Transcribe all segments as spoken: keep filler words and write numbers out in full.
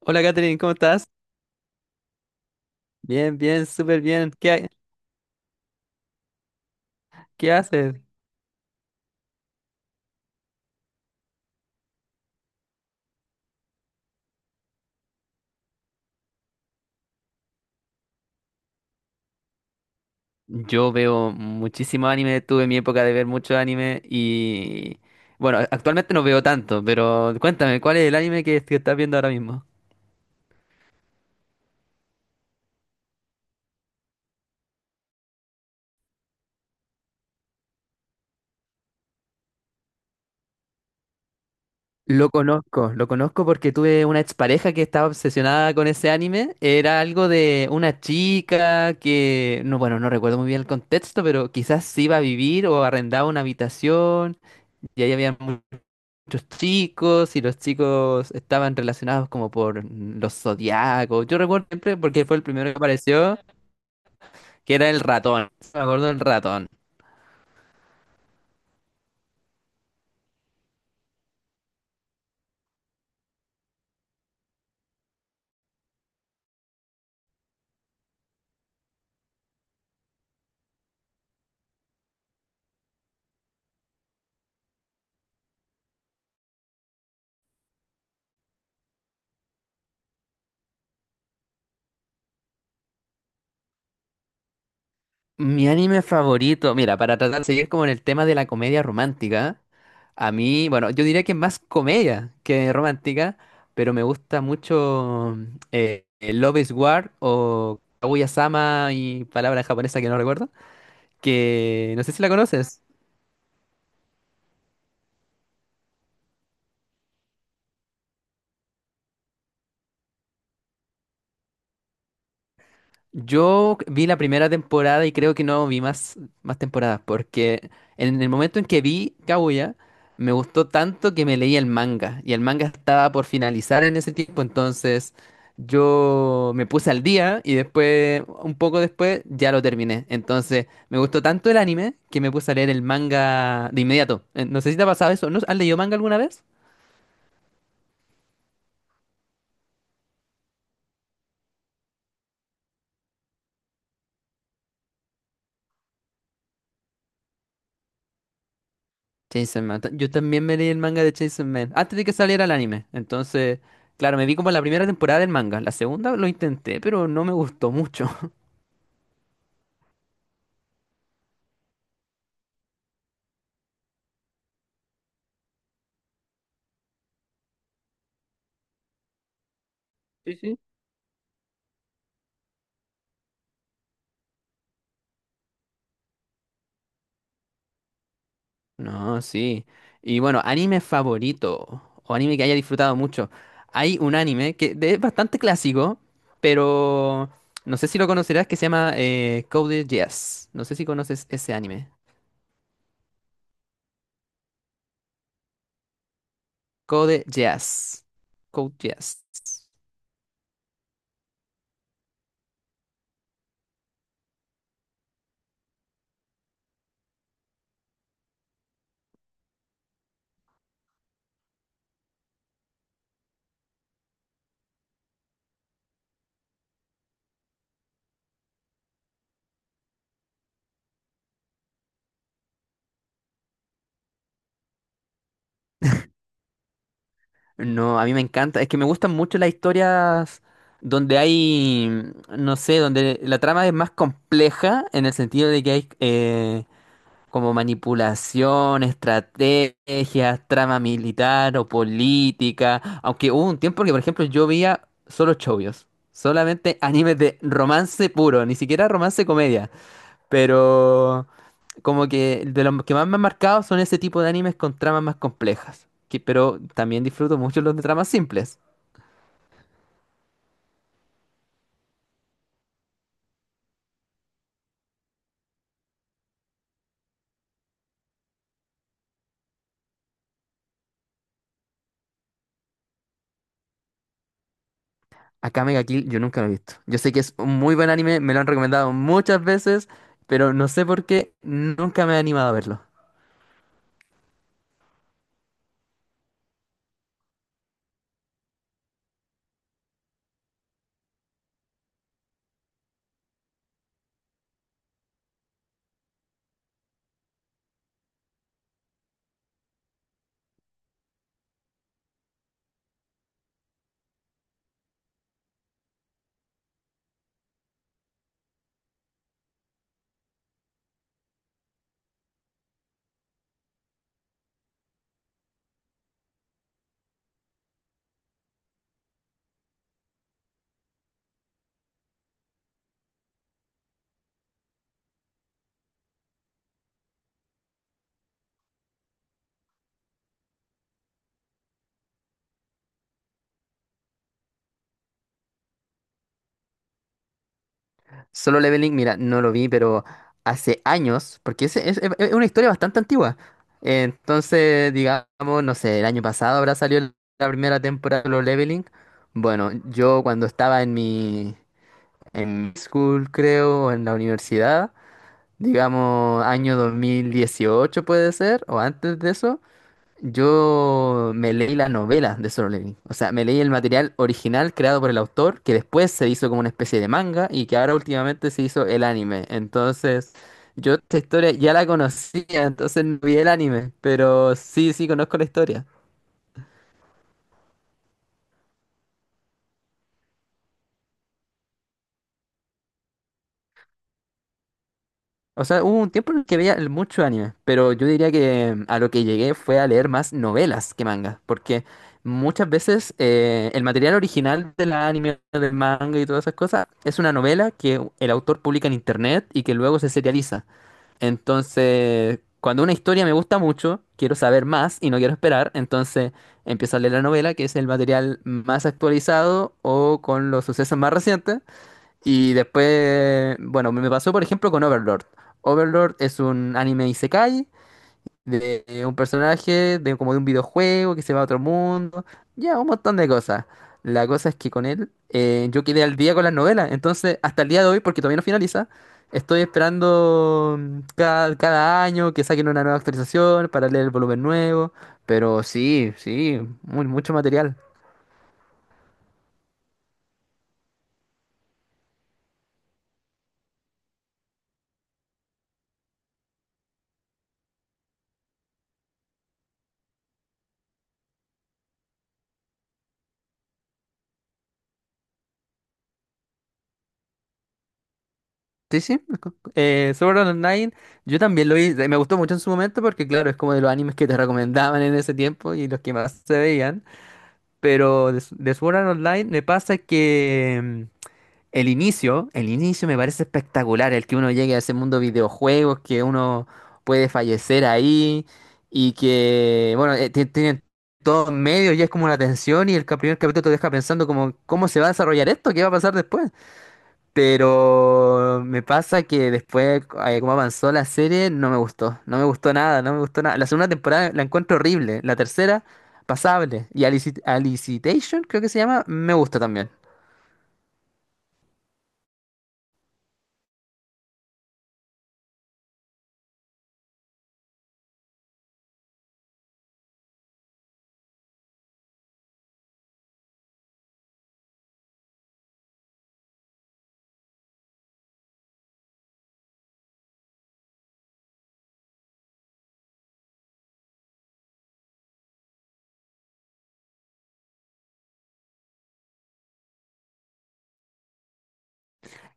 Hola Katherine, ¿cómo estás? Bien, bien, súper bien. ¿Qué, ha- qué haces? Yo veo muchísimo anime, tuve mi época de ver mucho anime y bueno, actualmente no veo tanto, pero cuéntame, ¿cuál es el anime que, que estás viendo ahora mismo? Lo conozco, lo conozco porque tuve una expareja que estaba obsesionada con ese anime. Era algo de una chica que, no, bueno, no recuerdo muy bien el contexto, pero quizás se iba a vivir o arrendaba una habitación y ahí había muchos chicos y los chicos estaban relacionados como por mm, los zodiacos. Yo recuerdo siempre porque fue el primero que apareció, que era el ratón. Me acuerdo del ratón. Mi anime favorito, mira, para tratar de seguir como en el tema de la comedia romántica, a mí, bueno, yo diría que más comedia que romántica, pero me gusta mucho eh, Love is War o Kaguya-sama y palabra japonesa que no recuerdo, que no sé si la conoces. Yo vi la primera temporada y creo que no vi más, más temporadas, porque en el momento en que vi Kaguya, me gustó tanto que me leí el manga, y el manga estaba por finalizar en ese tiempo, entonces yo me puse al día y después, un poco después, ya lo terminé. Entonces me gustó tanto el anime que me puse a leer el manga de inmediato. Eh, No sé si te ha pasado eso, ¿no? ¿Has leído manga alguna vez? Chainsaw Man. ta- Yo también me leí el manga de Chainsaw Man antes de que saliera el anime. Entonces, claro, me vi como la primera temporada del manga. La segunda lo intenté, pero no me gustó mucho. Sí, sí. No, sí. Y bueno, anime favorito o anime que haya disfrutado mucho. Hay un anime que de- es bastante clásico, pero no sé si lo conocerás, que se llama eh, Code Geass. No sé si conoces ese anime. Code Geass. Code Geass. No, a mí me encanta. Es que me gustan mucho las historias donde hay, mm, no sé, donde la trama es más compleja en el sentido de que hay eh, como manipulación, estrategias, trama militar o política. Aunque hubo un tiempo que, por ejemplo, yo veía solo chovios, solamente animes de romance puro, ni siquiera romance comedia. Pero como que de los que más me han marcado son ese tipo de animes con tramas más complejas. Que, pero también disfruto mucho los de tramas simples. Akame ga Kill yo nunca lo he visto. Yo sé que es un muy buen anime, me lo han recomendado muchas veces, pero no sé por qué nunca me he animado a verlo. Solo Leveling, mira, no lo vi, pero hace años, porque es, es- es una historia bastante antigua. Entonces, digamos, no sé, el año pasado habrá salido la primera temporada de Solo Leveling. Bueno, yo cuando estaba en mi en school, creo, en la universidad, digamos año dos mil dieciocho puede ser, o antes de eso, yo me leí la novela de Solo Leveling. O sea, me leí el material original creado por el autor, que después se hizo como una especie de manga y que ahora últimamente se hizo el anime. Entonces, yo esta historia ya la conocía, entonces no vi el anime, pero sí, sí, conozco la historia. O sea, hubo un tiempo en el que veía mucho anime, pero yo diría que mm, a lo que llegué fue a leer más novelas que mangas, porque muchas veces eh, el material original del anime, del manga y todas esas cosas es una novela que el autor publica en internet y que luego se serializa. Entonces, cuando una historia me gusta mucho, quiero saber más y no quiero esperar, entonces empiezo a leer la novela, que es el material más actualizado o con los sucesos más recientes. Y después, bueno, me pasó por ejemplo con Overlord. Overlord es un anime isekai de de un personaje de como de un videojuego que se va a otro mundo, ya un montón de cosas. La cosa es que con él eh, yo quedé al día con las novelas, entonces hasta el día de hoy, porque todavía no finaliza, estoy esperando mm, cada, cada año que saquen una nueva actualización para leer el volumen nuevo, pero sí, sí, muy, mucho material. Sí, sí, co- co- eh, Sword Art Online, yo también lo vi, me gustó mucho en su momento porque claro, es como de los animes que te recomendaban en ese tiempo y los que más se veían, pero de, s- de Sword Art Online me pasa que mm, el inicio, el inicio me parece espectacular, el que uno llegue a ese mundo de videojuegos, que uno puede fallecer ahí y que, bueno, eh, ti- tienen todo en medio y es como una tensión y el ca- primer capítulo te deja pensando como, ¿cómo se va a desarrollar esto? ¿Qué va a pasar después? Pero me pasa que después, eh, como avanzó la serie, no me gustó. No me gustó nada, no me gustó nada. La segunda temporada la encuentro horrible. La tercera, pasable. Y Alicit- Alicitation, creo que se llama, me gusta también.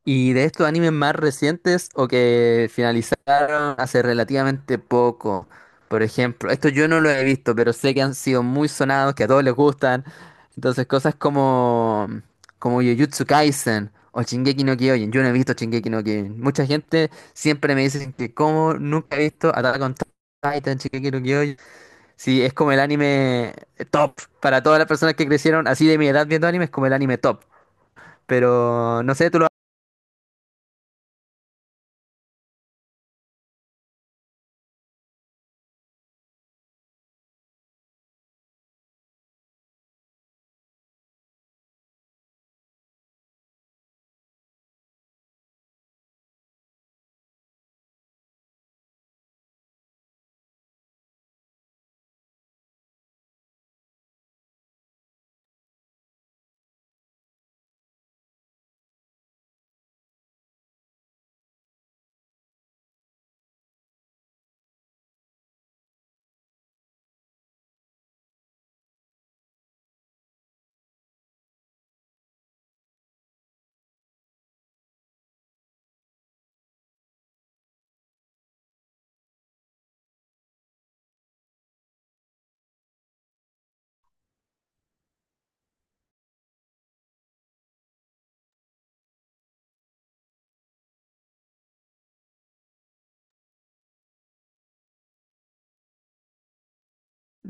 Y de estos animes más recientes o que finalizaron hace relativamente poco, por ejemplo, esto yo no lo he visto, pero sé que han sido muy sonados, que a todos les gustan. Entonces, cosas como, como Jujutsu Kaisen o Shingeki no Kyojin. Yo no he visto Shingeki no Kyojin. Mucha gente siempre me dice que como nunca he visto Attack on Titan, Shingeki no Kyojin. Sí, es como el anime top para todas las personas que crecieron así de mi edad viendo anime, es como el anime top. Pero no sé, ¿tú lo?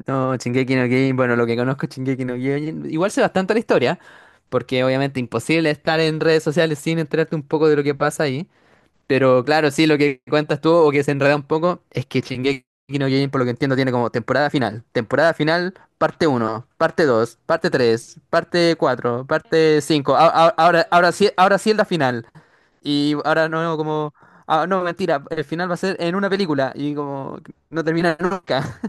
No, Shingeki no Kyojin, bueno, lo que conozco es Shingeki no Kyojin, igual sé bastante la historia, porque obviamente imposible estar en redes sociales sin enterarte un poco de lo que pasa ahí, pero claro, sí, lo que cuentas tú o que se enreda un poco es que Shingeki no Kyojin, por lo que entiendo, tiene como temporada final, temporada final, parte uno, parte dos, parte tres, parte cuatro, parte cinco, ahora, ahora sí, ahora sí es la final, y ahora no, como, ah, no, mentira, el final va a ser en una película, y como, no termina nunca.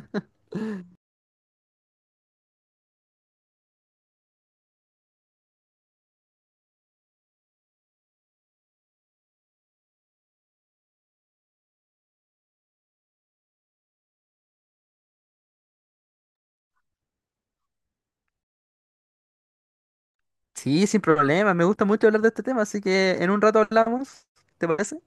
Sí, sin problema. Me gusta mucho hablar de este tema, así que en un rato hablamos. ¿Te parece?